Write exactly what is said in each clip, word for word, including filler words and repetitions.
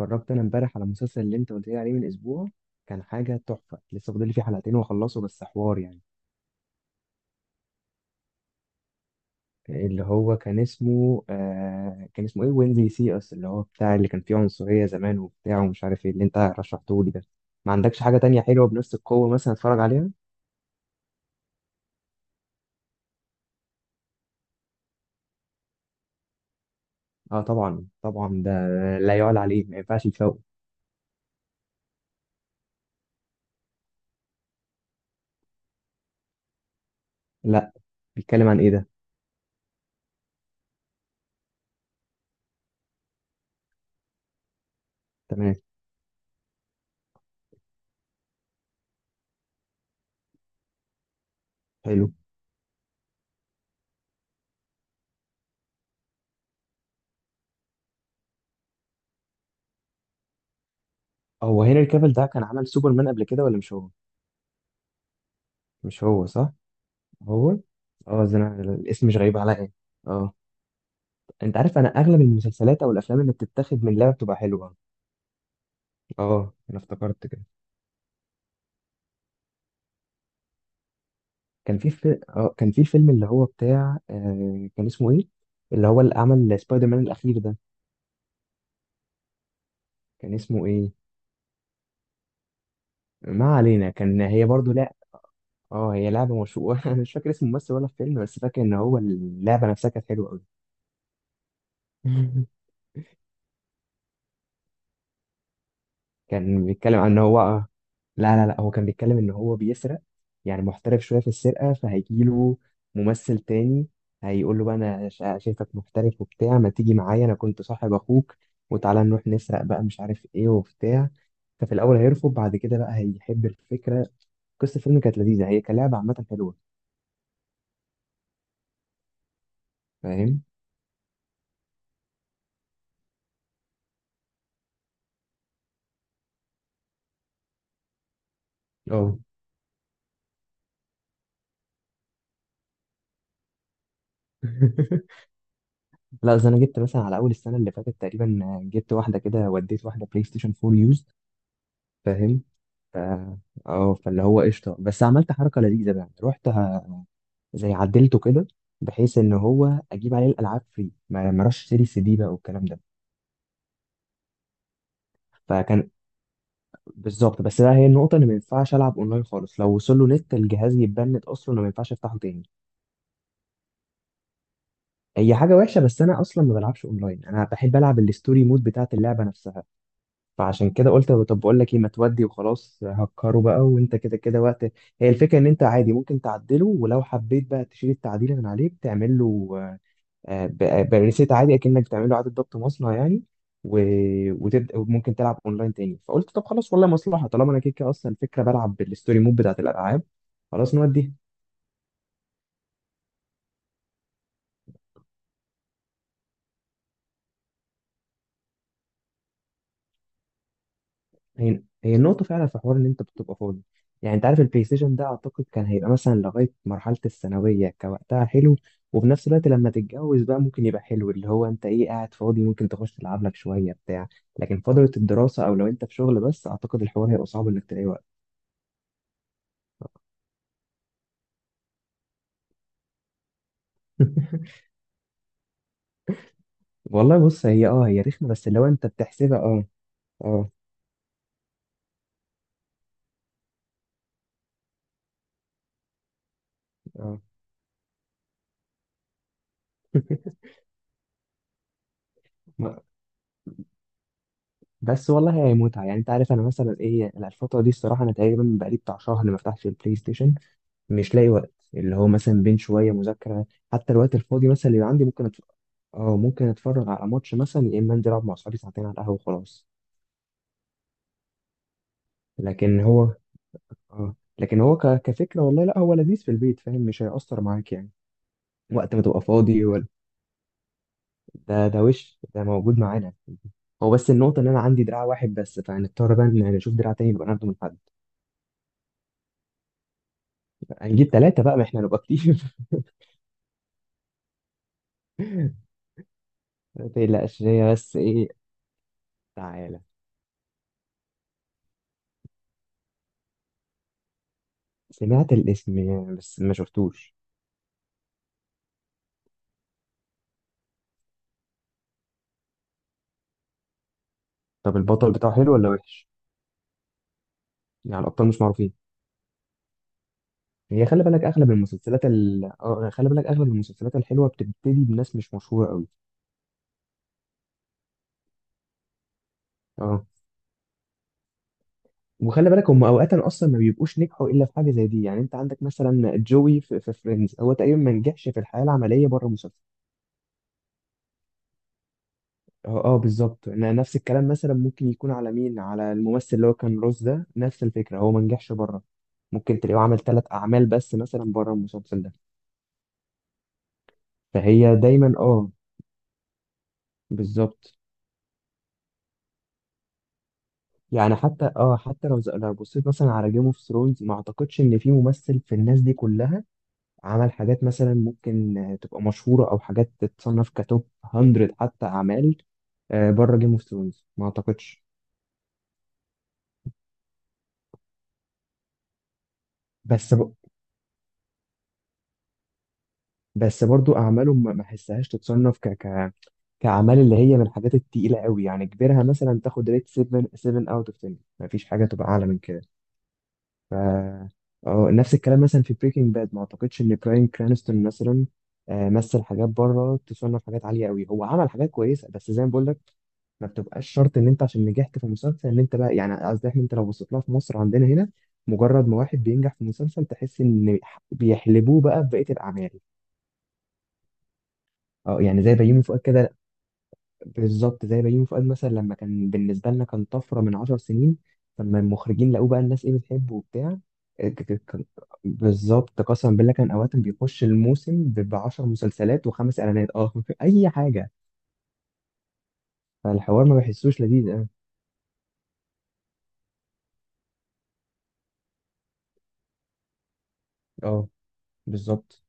اتفرجت انا امبارح على المسلسل اللي انت قلت لي عليه من اسبوع. كان حاجه تحفه، لسه فاضل لي فيه حلقتين واخلصه، بس حوار يعني. اللي هو كان اسمه آه كان اسمه ايه، وين زي سي اس، اللي هو بتاع اللي كان فيه عنصريه زمان وبتاع ومش عارف ايه، اللي انت رشحته لي ده. ما عندكش حاجه تانية حلوه بنفس القوه مثلا اتفرج عليها؟ اه طبعا طبعا، ده لا يعلى عليه، ما ينفعش يتفوق. لا، بيتكلم عن ايه ده؟ تمام. حلو. هو هنري كافيل ده كان عمل سوبرمان قبل كده ولا مش هو؟ مش هو صح؟ هو. اه ده أنا الاسم مش غريب عليا. اه. انت عارف انا اغلب المسلسلات او الافلام اللي بتتاخد من لعبه بتبقى حلوه. اه انا افتكرت كده. كان في في... اه كان في فيلم اللي هو بتاع آه... كان اسمه ايه، اللي هو اللي عمل سبايدر مان الاخير ده، كان اسمه ايه؟ ما علينا، كان هي برضو لا. اه هي لعبه مشهوره. انا مش فاكر اسم الممثل ولا الفيلم، بس فاكر ان هو اللعبه نفسها كانت حلوه قوي. كان بيتكلم عن ان هو لا لا لا هو كان بيتكلم ان هو بيسرق، يعني محترف شويه في السرقه، فهيجيله ممثل تاني هيقول له بقى انا شا- شايفك محترف وبتاع، ما تيجي معايا انا كنت صاحب اخوك وتعالى نروح نسرق بقى مش عارف ايه وبتاع. ففي الاول هيرفض، بعد كده بقى هيحب الفكره. قصه الفيلم كانت لذيذه، هي كلعبه عامه حلوه. فاهم. اه. لا اصل انا جبت مثلا على اول السنه اللي فاتت تقريبا، جبت واحده كده وديت واحده بلاي ستيشن فور يوز. فاهم. ف... اه فاللي هو قشطه، بس عملت حركه لذيذه بقى، رحت ه- زي عدلته كده، بحيث ان هو اجيب عليه الالعاب فري، ما ما اروحش اشتري سي دي بقى والكلام ده. فكان بالظبط. بس بقى هي النقطه ان ما ينفعش العب اونلاين خالص، لو وصل له نت الجهاز يتبند اصلا وما ينفعش افتحه تاني. هي حاجه وحشه بس انا اصلا ما بلعبش اونلاين، انا بحب العب الستوري مود بتاعت اللعبه نفسها. فعشان كده قلت طب بقول لك ايه، ما تودي وخلاص، هكره بقى وانت كده كده وقت. هي الفكره ان انت عادي ممكن تعدله، ولو حبيت بقى تشيل التعديل من عليه بتعمل له آه، ب- بريسيت عادي، اكنك بتعمل له اعاده ضبط مصنع يعني. و... وتبدا وممكن تلعب اونلاين تاني. فقلت طب خلاص والله مصلحه، طالما انا كده كده اصلا الفكره بلعب بالستوري مود بتاعت الالعاب، خلاص نوديها. هي هي النقطة فعلا في حوار، إن أنت بتبقى فاضي. يعني أنت عارف البلاي ستيشن ده أعتقد كان هيبقى مثلا لغاية مرحلة الثانوية كوقتها حلو. وفي نفس الوقت لما تتجوز بقى ممكن يبقى حلو، اللي هو أنت إيه قاعد فاضي ممكن تخش تلعب لك شوية بتاع. لكن فترة الدراسة أو لو أنت في شغل بس أعتقد الحوار هيبقى صعب إنك تلاقي وقت. والله بص هي أه هي رخمة، بس لو أنت بتحسبها أه. أه. أه. ما- بس والله هي متعة، يعني أنت عارف أنا مثلا إيه الفترة دي الصراحة أنا تقريبا بقالي بتاع شهر ما فتحتش البلاي ستيشن. مش لاقي وقت اللي هو مثلا بين شويه مذاكره. حتى الوقت الفاضي مثلا اللي عندي ممكن أتف... اه ممكن اتفرج على ماتش مثلا، يا اما انزل العب مع اصحابي ساعتين على القهوه وخلاص. لكن هو اه لكن هو ك... كفكره والله لا هو لذيذ في البيت، فاهم مش هيأثر معاك يعني. وقت ما تبقى فاضي. ولا ده ده وش ده موجود معانا. هو بس النقطة إن أنا عندي دراع واحد بس، فهنضطر بقى إن نشوف دراع تاني نبقى ناخده من حد. هنجيب تلاتة بقى، ما إحنا نبقى كتير. ما تقلقش هي بس إيه. تعالى. سمعت الاسم يعني بس ما شفتوش. طب البطل بتاعه حلو ولا وحش؟ يعني الابطال مش معروفين. هي خلي بالك اغلب المسلسلات ال... آه، خلي بالك اغلب المسلسلات الحلوه بتبتدي بناس مش مشهوره قوي. اه وخلي بالك هم اوقات اصلا ما بيبقوش نجحوا الا في حاجه زي دي. يعني انت عندك مثلا جوي في, في فريندز هو تقريبا ما نجحش في الحياه العمليه بره المسلسل. اه اه بالظبط. ن- نفس الكلام مثلا ممكن يكون على مين، على الممثل اللي هو كان روز ده، نفس الفكره هو ما نجحش بره. ممكن تلاقيه عمل ثلاث اعمال بس مثلا بره المسلسل ده. فهي دايما اه. بالظبط. يعني حتى اه حتى لو ز- لو بصيت مثلا على جيم اوف ثرونز ما اعتقدش ان في ممثل في الناس دي كلها عمل حاجات مثلا ممكن آه، تبقى مشهورة او حاجات تتصنف كتوب مية حتى اعمال آه، بره جيم اوف ثرونز ما اعتقدش. بس ب... بس برضو اعماله ما ما احسهاش تتصنف ك... ك... كاعمال اللي هي من الحاجات التقيلة قوي، يعني كبيرها مثلا تاخد ريت 7 7 اوت اوف عشرة، ما فيش حاجة تبقى اعلى من كده. ف اه نفس الكلام مثلا في بريكنج باد ما اعتقدش ان براين كرانستون مثلا آه، مثل حاجات بره تصنف حاجات عاليه قوي. هو عمل حاجات كويسه بس زي ما بقول لك ما بتبقاش شرط ان انت عشان نجحت في مسلسل ان انت بقى يعني، قصدي احنا انت لو بصيت لها في مصر عندنا هنا مجرد ما واحد بينجح في مسلسل تحس ان بيحلبوه بقى في بقيه الاعمال. اه يعني زي بيومي فؤاد كده. بالظبط زي بيومي فؤاد مثلا، لما كان بالنسبة لنا كان طفرة من عشر سنين، لما المخرجين لقوه بقى الناس ايه بتحبه وبتاع. آه، ك- ك- كان- بالظبط قسما بالله كان أوقات بيخش الموسم ب عشر مسلسلات وخمس إعلانات اه. أي حاجة. فالحوار ما بحسوش لذيذ اه. اه بالظبط.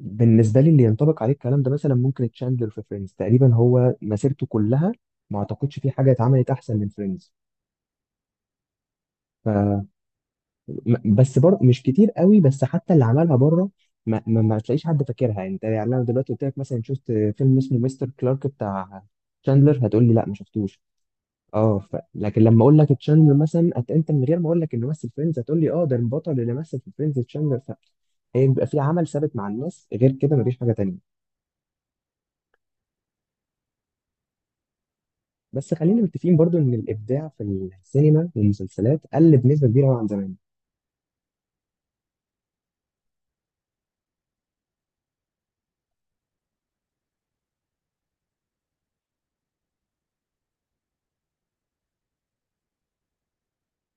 بالنسبة لي اللي ينطبق عليه الكلام ده مثلا ممكن تشاندلر في فريندز تقريبا هو مسيرته كلها، ما أعتقدش في حاجة اتعملت أحسن من فريندز. م- بس بر... مش كتير قوي، بس حتى اللي عملها بره ما, ما, ما تلاقيش حد فاكرها يعني. انت يعني انا دلوقتي قلت لك مثلا شفت فيلم اسمه مستر كلارك بتاع تشاندلر هتقول لي لا ما شفتوش. اه ف... لكن لما اقول لك تشاندلر مثلا أت... انت من غير ما اقول لك انه مثل فريندز هتقول لي اه ده البطل اللي مثل في فريندز تشاندلر. ف... هي بيبقى في عمل ثابت مع الناس غير كده مفيش حاجه تانية. بس خلينا متفقين برضو ان الابداع في السينما والمسلسلات قل بنسبه كبيره أوي عن زمان.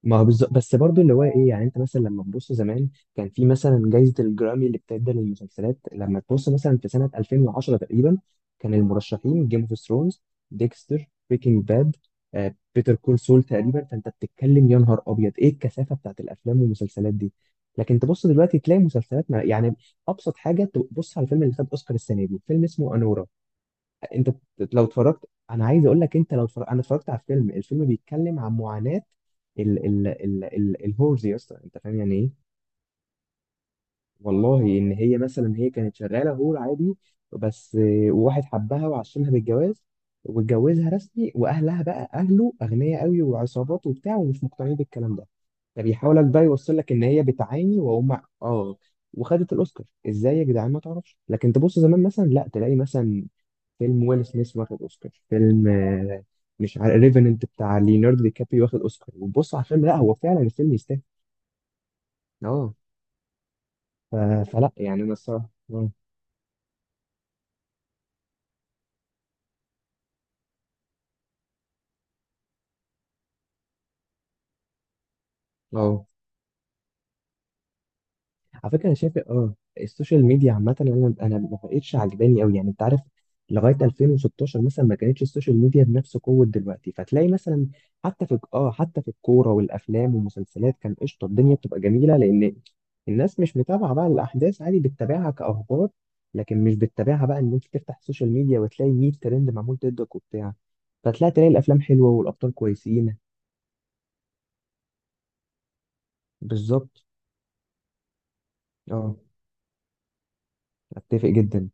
ما هو بالظبط، بس برضو اللي هو ايه يعني انت مثلا لما تبص زمان كان في مثلا جائزة الجرامي اللي بتدى للمسلسلات، لما تبص مثلا في سنة الفين وعشرة تقريبا كان المرشحين جيم اوف ثرونز، ديكستر، بريكنج باد، بيتر كول سول تقريبا، فانت بتتكلم يا نهار ابيض ايه الكثافة بتاعت الافلام والمسلسلات دي. لكن تبص دلوقتي تلاقي مسلسلات، ما يعني ابسط حاجة تبص على الفيلم اللي خد اوسكار السنة دي فيلم اسمه انورا. انت ت- لو اتفرجت انا عايز اقول لك، انت لو اتفرجت انا اتفرجت على فيلم الفيلم بيتكلم عن معاناة ال ال ال ال الهورز يا اسطى انت فاهم يعني ايه. والله ان هي مثلا هي كانت شغاله هو عادي، بس آه، واحد حبها وعشمها بالجواز واتجوزها رسمي، واهلها بقى اهله اغنياء قوي وعصابات وبتاع ومش مقتنعين بالكلام ده. فبيحاول بقى يوصل لك ان هي بتعاني وهم اه. وخدت الاوسكار ازاي يا جدعان ما تعرفش. لكن تبص زمان مثلا لا تلاقي مثلا فيلم ويل سميث واخد اوسكار، فيلم آه، مش عارف ريفننت بتاع ليوناردو دي كابريو واخد اوسكار وبص على الفيلم لا هو فعلا الفيلم يستاهل. اه ف- فلا يعني انا الصراحه آه. اه. على فكره انا شايف اه السوشيال ميديا عامه انا انا ما بقتش عجباني قوي، يعني انت عارف لغايه الفين وستاشر مثلا ما كانتش السوشيال ميديا بنفس قوه دلوقتي، فتلاقي مثلا حتى في اه حتى في الكوره والافلام والمسلسلات كان قشطه، الدنيا بتبقى جميله لان الناس مش متابعه بقى الاحداث، عادي بتتابعها كاخبار، لكن مش بتتابعها بقى ان انت تفتح السوشيال ميديا وتلاقي مية ترند معمول ضدك وبتاع، فتلاقي تلاقي الافلام حلوه والابطال كويسين. بالظبط. اه اتفق جدا.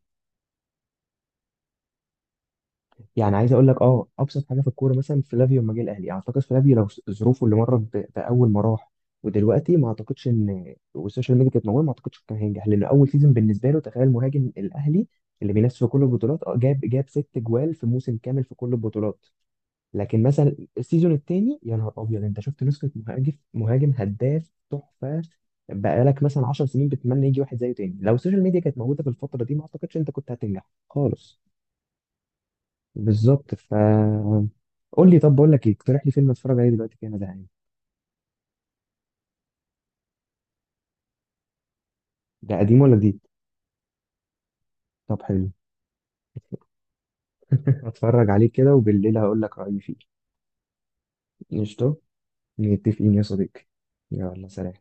يعني عايز اقول لك اه ابسط حاجه في الكوره مثلا، فلافيو لما جه الاهلي اعتقد فلافيو لو ظروفه اللي مرت ب- باول ما راح ودلوقتي ما اعتقدش ان والسوشيال ميديا كانت موجوده، ما اعتقدش كان هينجح، لانه اول سيزون بالنسبه له تخيل مهاجم الاهلي اللي بينافس في كل البطولات اه جاب جاب ست جوال في موسم كامل في كل البطولات. لكن مثلا السيزون الثاني يا نهار ابيض انت شفت نسخه مهاجم مهاجم هداف تحفه. بقالك مثلا عشر سنين بتتمنى يجي واحد زيه تاني. لو السوشيال ميديا كانت موجوده في الفتره دي ما اعتقدش انت كنت هتنجح خالص. بالظبط ف. قول لي طب بقول لك ايه، اقترح لي فيلم اتفرج عليه دلوقتي كده انا زهقان. ده قديم ولا جديد؟ طب حلو. اتفرج عليه كده وبالليل هقول لك رأيي فيه. قشطة. متفقين يا صديقي. يلا سلام.